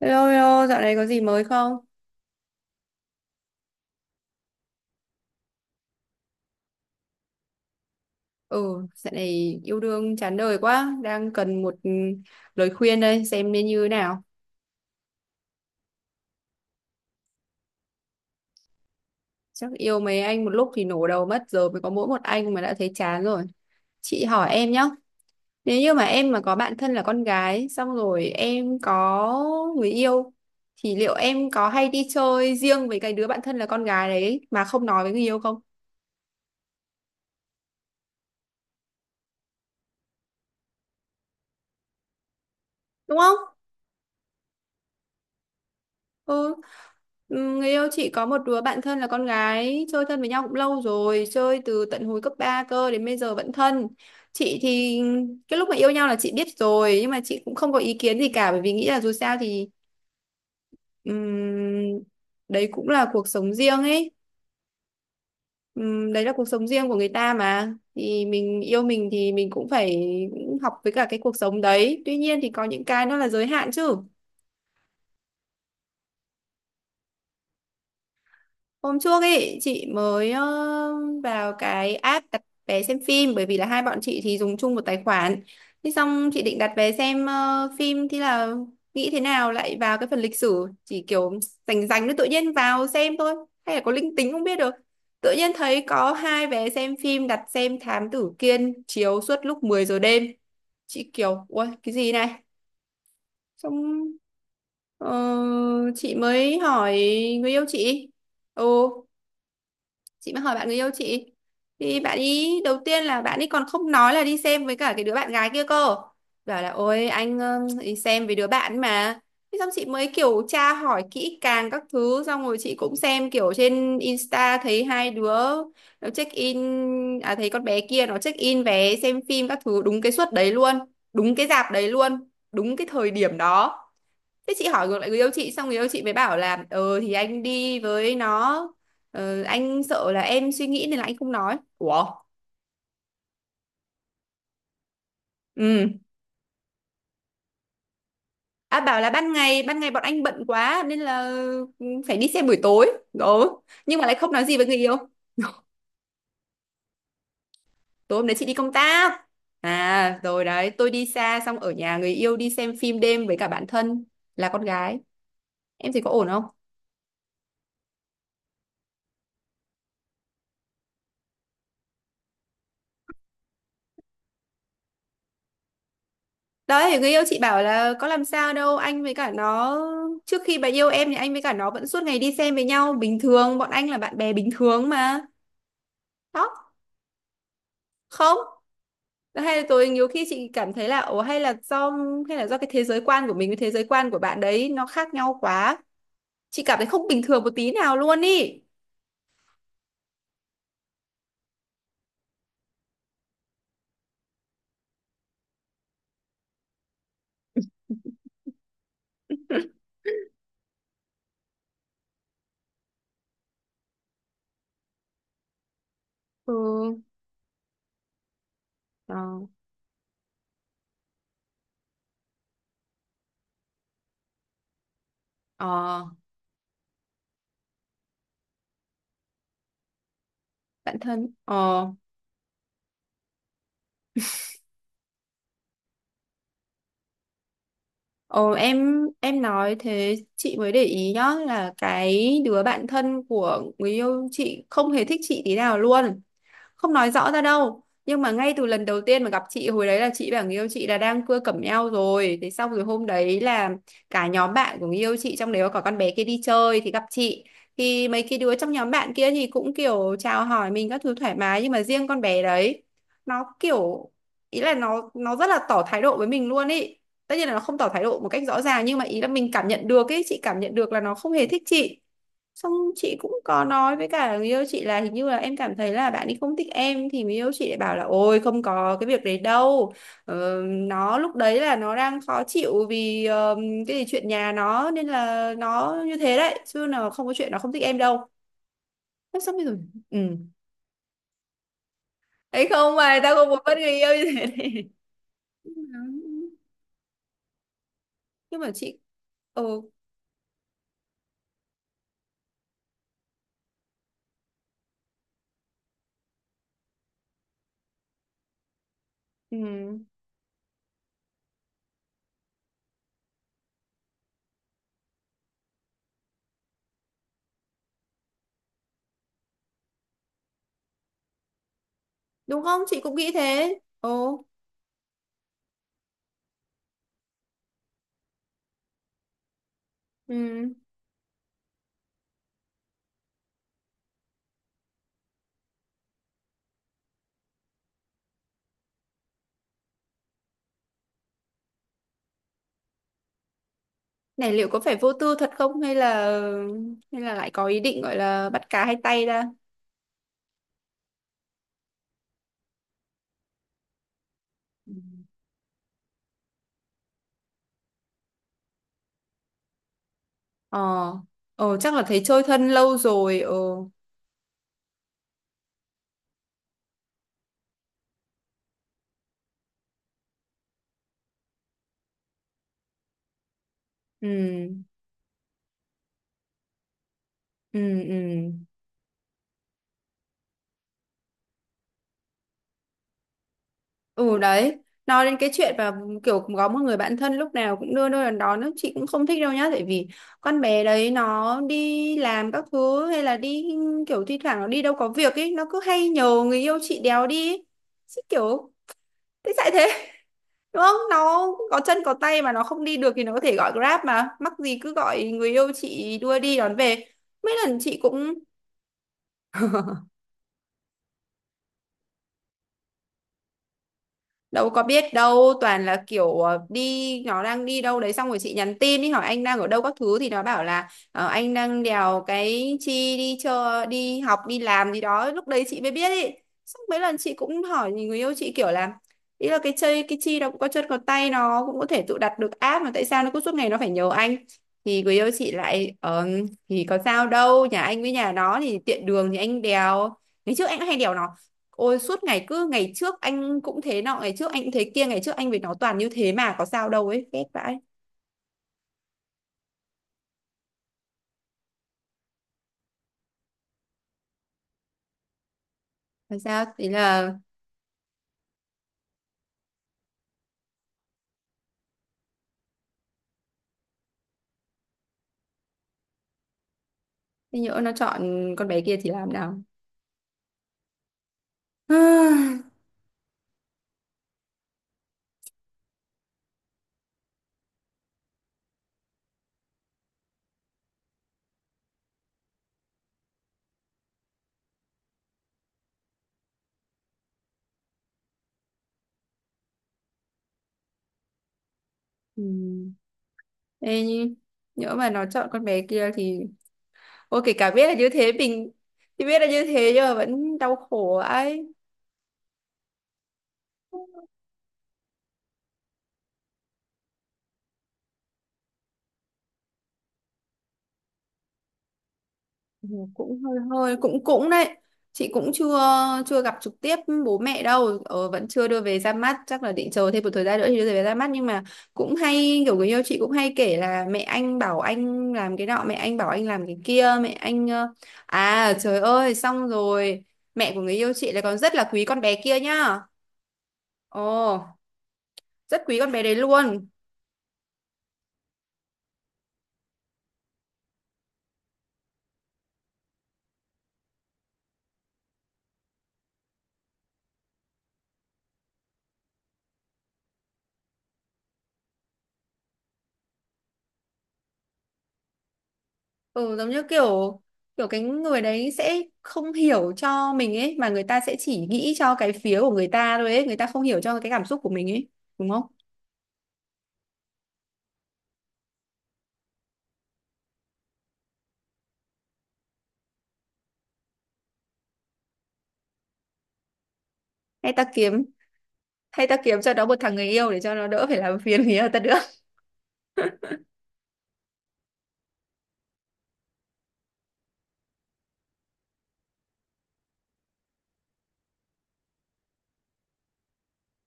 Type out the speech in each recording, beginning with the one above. Hello, hello, dạo này có gì mới không? Ừ, dạo này yêu đương chán đời quá, đang cần một lời khuyên đây, xem nên như thế nào. Chắc yêu mấy anh một lúc thì nổ đầu mất, giờ mới có mỗi một anh mà đã thấy chán rồi. Chị hỏi em nhá, nếu như mà em mà có bạn thân là con gái, xong rồi em có người yêu, thì liệu em có hay đi chơi riêng với cái đứa bạn thân là con gái đấy mà không nói với người yêu không? Đúng không? Ừ. Người yêu chị có một đứa bạn thân là con gái, chơi thân với nhau cũng lâu rồi, chơi từ tận hồi cấp 3 cơ đến bây giờ vẫn thân. Chị thì cái lúc mà yêu nhau là chị biết rồi, nhưng mà chị cũng không có ý kiến gì cả, bởi vì nghĩ là dù sao thì ừm, đấy cũng là cuộc sống riêng ấy. Đấy là cuộc sống riêng của người ta mà, thì mình yêu mình thì mình cũng phải học với cả cái cuộc sống đấy, tuy nhiên thì có những cái nó là giới hạn chứ. Hôm trước ấy chị mới vào cái app đặt vé xem phim, bởi vì là hai bọn chị thì dùng chung một tài khoản. Thế xong chị định đặt vé xem phim, thì là nghĩ thế nào lại vào cái phần lịch sử, chỉ kiểu rành rành nó tự nhiên vào xem thôi, hay là có linh tính không biết được. Tự nhiên thấy có hai vé xem phim đặt xem Thám Tử Kiên chiếu suốt lúc 10 giờ đêm. Chị kiểu ui cái gì này? Xong Ờ, chị mới hỏi người yêu chị. Ừ, chị mới hỏi bạn người yêu chị, thì bạn ý đầu tiên là bạn ấy còn không nói là đi xem với cả cái đứa bạn gái kia cơ, bảo là ôi anh đi xem với đứa bạn mà. Thế xong chị mới kiểu tra hỏi kỹ càng các thứ, xong rồi chị cũng xem kiểu trên Insta thấy hai đứa nó check in, à thấy con bé kia nó check in vé xem phim các thứ đúng cái suất đấy luôn, đúng cái rạp đấy luôn, đúng cái thời điểm đó. Thế chị hỏi ngược lại người yêu chị, xong người yêu chị mới bảo là ờ thì anh đi với nó, anh sợ là em suy nghĩ nên là anh không nói. Ủa. Ừ. À, bảo là ban ngày bọn anh bận quá nên là ừ, phải đi xem buổi tối. Ừ. Nhưng mà lại không nói gì với người yêu. Tối hôm đấy chị đi công tác, à rồi đấy tôi đi xa xong ở nhà người yêu đi xem phim đêm với cả bạn thân là con gái, em thấy có ổn không? Đấy, thì người yêu chị bảo là có làm sao đâu, anh với cả nó trước khi bà yêu em thì anh với cả nó vẫn suốt ngày đi xem với nhau bình thường, bọn anh là bạn bè bình thường mà. Đó, không. Hay là tôi nhiều khi chị cảm thấy là ồ hay là do, hay là do cái thế giới quan của mình với thế giới quan của bạn đấy nó khác nhau quá. Chị cảm thấy không bình thường một tí nào luôn ý. Ừ. Ờ, ờ, bạn thân. Ờ. Ồ, em nói thế chị mới để ý nhá, là cái đứa bạn thân của người yêu chị không hề thích chị tí nào luôn, không nói rõ ra đâu, nhưng mà ngay từ lần đầu tiên mà gặp chị hồi đấy là chị bảo người yêu chị là đang cưa cẩm eo rồi, thế xong rồi hôm đấy là cả nhóm bạn của người yêu chị trong đấy có cả con bé kia đi chơi thì gặp chị, thì mấy cái đứa trong nhóm bạn kia thì cũng kiểu chào hỏi mình các thứ thoải mái, nhưng mà riêng con bé đấy nó kiểu, ý là nó rất là tỏ thái độ với mình luôn ý. Tất nhiên là nó không tỏ thái độ một cách rõ ràng, nhưng mà ý là mình cảm nhận được ấy, chị cảm nhận được là nó không hề thích chị. Xong chị cũng có nói với cả người yêu chị là hình như là em cảm thấy là bạn ấy không thích em, thì người yêu chị lại bảo là ôi không có cái việc đấy đâu. Ờ, nó lúc đấy là nó đang khó chịu vì cái gì chuyện nhà nó nên là nó như thế đấy chứ là không có chuyện nó không thích em đâu. Thế xong rồi ừ. Đấy không mà tao không muốn mất người yêu như thế này. Nhưng mà chị ừ, ừ. Đúng không? Chị cũng nghĩ thế. Ồ. Ừ. Này liệu có phải vô tư thật không, hay là, hay là lại có ý định gọi là bắt cá hai tay ra? Ờ, ờ chắc là thấy chơi thân lâu rồi. Ờ. Ừ, ừ, ừ. Ừ đấy, nói đến cái chuyện mà kiểu có một người bạn thân lúc nào cũng đưa đưa đón đón ấy, chị cũng không thích đâu nhá, tại vì con bé đấy nó đi làm các thứ hay là đi kiểu thi thoảng nó đi đâu có việc ấy, nó cứ hay nhờ người yêu chị đéo đi. Ấy. Chị kiểu thế tại thế đúng không, nó có chân có tay mà nó không đi được thì nó có thể gọi Grab mà. Mắc gì cứ gọi người yêu chị đưa đi đón về. Mấy lần chị cũng đâu có biết đâu, toàn là kiểu đi nó đang đi đâu đấy xong rồi chị nhắn tin đi hỏi anh đang ở đâu các thứ, thì nó bảo là ờ, anh đang đèo cái chi đi chơi đi học đi làm gì đó, lúc đấy chị mới biết ý. Xong mấy lần chị cũng hỏi người yêu chị kiểu là, ý là cái chơi cái chi nó cũng có chân có tay nó cũng có thể tự đặt được app, mà tại sao nó cứ suốt ngày nó phải nhờ anh, thì người yêu chị lại thì có sao đâu nhà anh với nhà nó thì tiện đường thì anh đèo, ngày trước anh cũng hay đèo nó. Ôi suốt ngày cứ ngày trước anh cũng thế nọ, ngày trước anh cũng thế kia, ngày trước anh với nó toàn như thế mà có sao đâu ấy, ghét vãi. Làm sao thế là, thế nhỡ nó chọn con bé kia thì làm nào? Ừ. Ê, nhưng, nhỡ mà nó chọn con bé kia thì ôi kể cả biết là như thế mình, thì biết là như thế nhưng mà vẫn đau khổ ấy. Ừ, cũng hơi hơi cũng cũng đấy. Chị cũng chưa chưa gặp trực tiếp bố mẹ đâu, vẫn chưa đưa về ra mắt, chắc là định chờ thêm một thời gian nữa thì đưa về ra mắt, nhưng mà cũng hay kiểu người yêu chị cũng hay kể là mẹ anh bảo anh làm cái nọ, mẹ anh bảo anh làm cái kia, mẹ anh à trời ơi, xong rồi mẹ của người yêu chị lại còn rất là quý con bé kia nhá. Ồ, rất quý con bé đấy luôn. Ừ, giống như kiểu, kiểu cái người đấy sẽ không hiểu cho mình ấy mà, người ta sẽ chỉ nghĩ cho cái phía của người ta thôi ấy, người ta không hiểu cho cái cảm xúc của mình ấy, đúng không? Hay ta kiếm, hay ta kiếm cho nó một thằng người yêu để cho nó đỡ phải làm phiền người yêu ta nữa.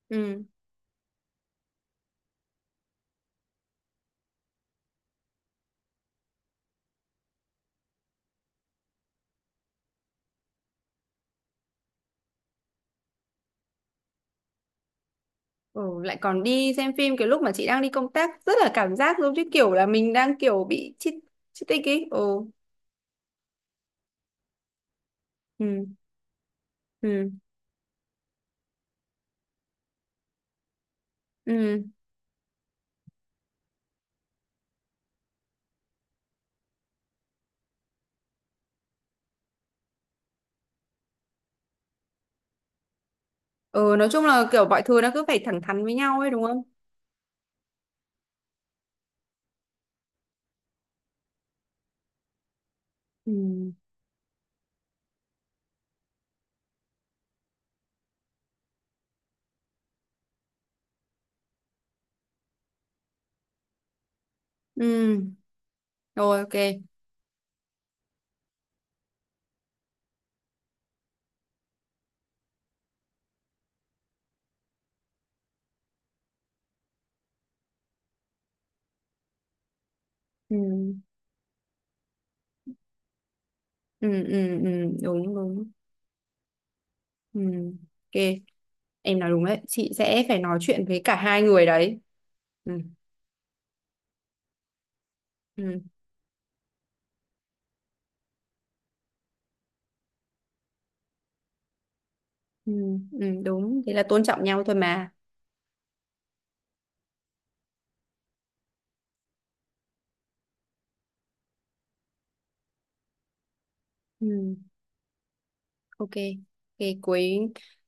Ừ. Ừ lại còn đi xem phim cái lúc mà chị đang đi công tác, rất là cảm giác giống như kiểu là mình đang kiểu bị chít, chít tích ấy. Ừ. Ừ ừ ừ. Ừ nói chung là kiểu mọi thứ nó cứ phải thẳng thắn với nhau ấy, đúng không? Ừ. Ừ. Rồi, ok. Ừ ừ ừ ừ, đúng đúng. Ừ, ok, em nói đúng đấy, chị sẽ phải nói chuyện với cả hai người đấy. Ừ. Ừ ừ, ừ đúng thế, là tôn trọng nhau thôi mà. Ừ. Ok. Ok. Cuối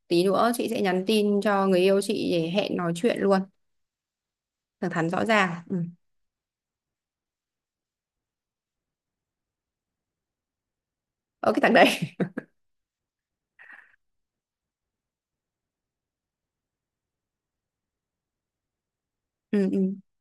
tí nữa chị sẽ nhắn tin cho người yêu chị để hẹn nói chuyện luôn, thẳng thắn rõ ràng. Ừ. Ở cái thằng đấy. Ừ, ừ.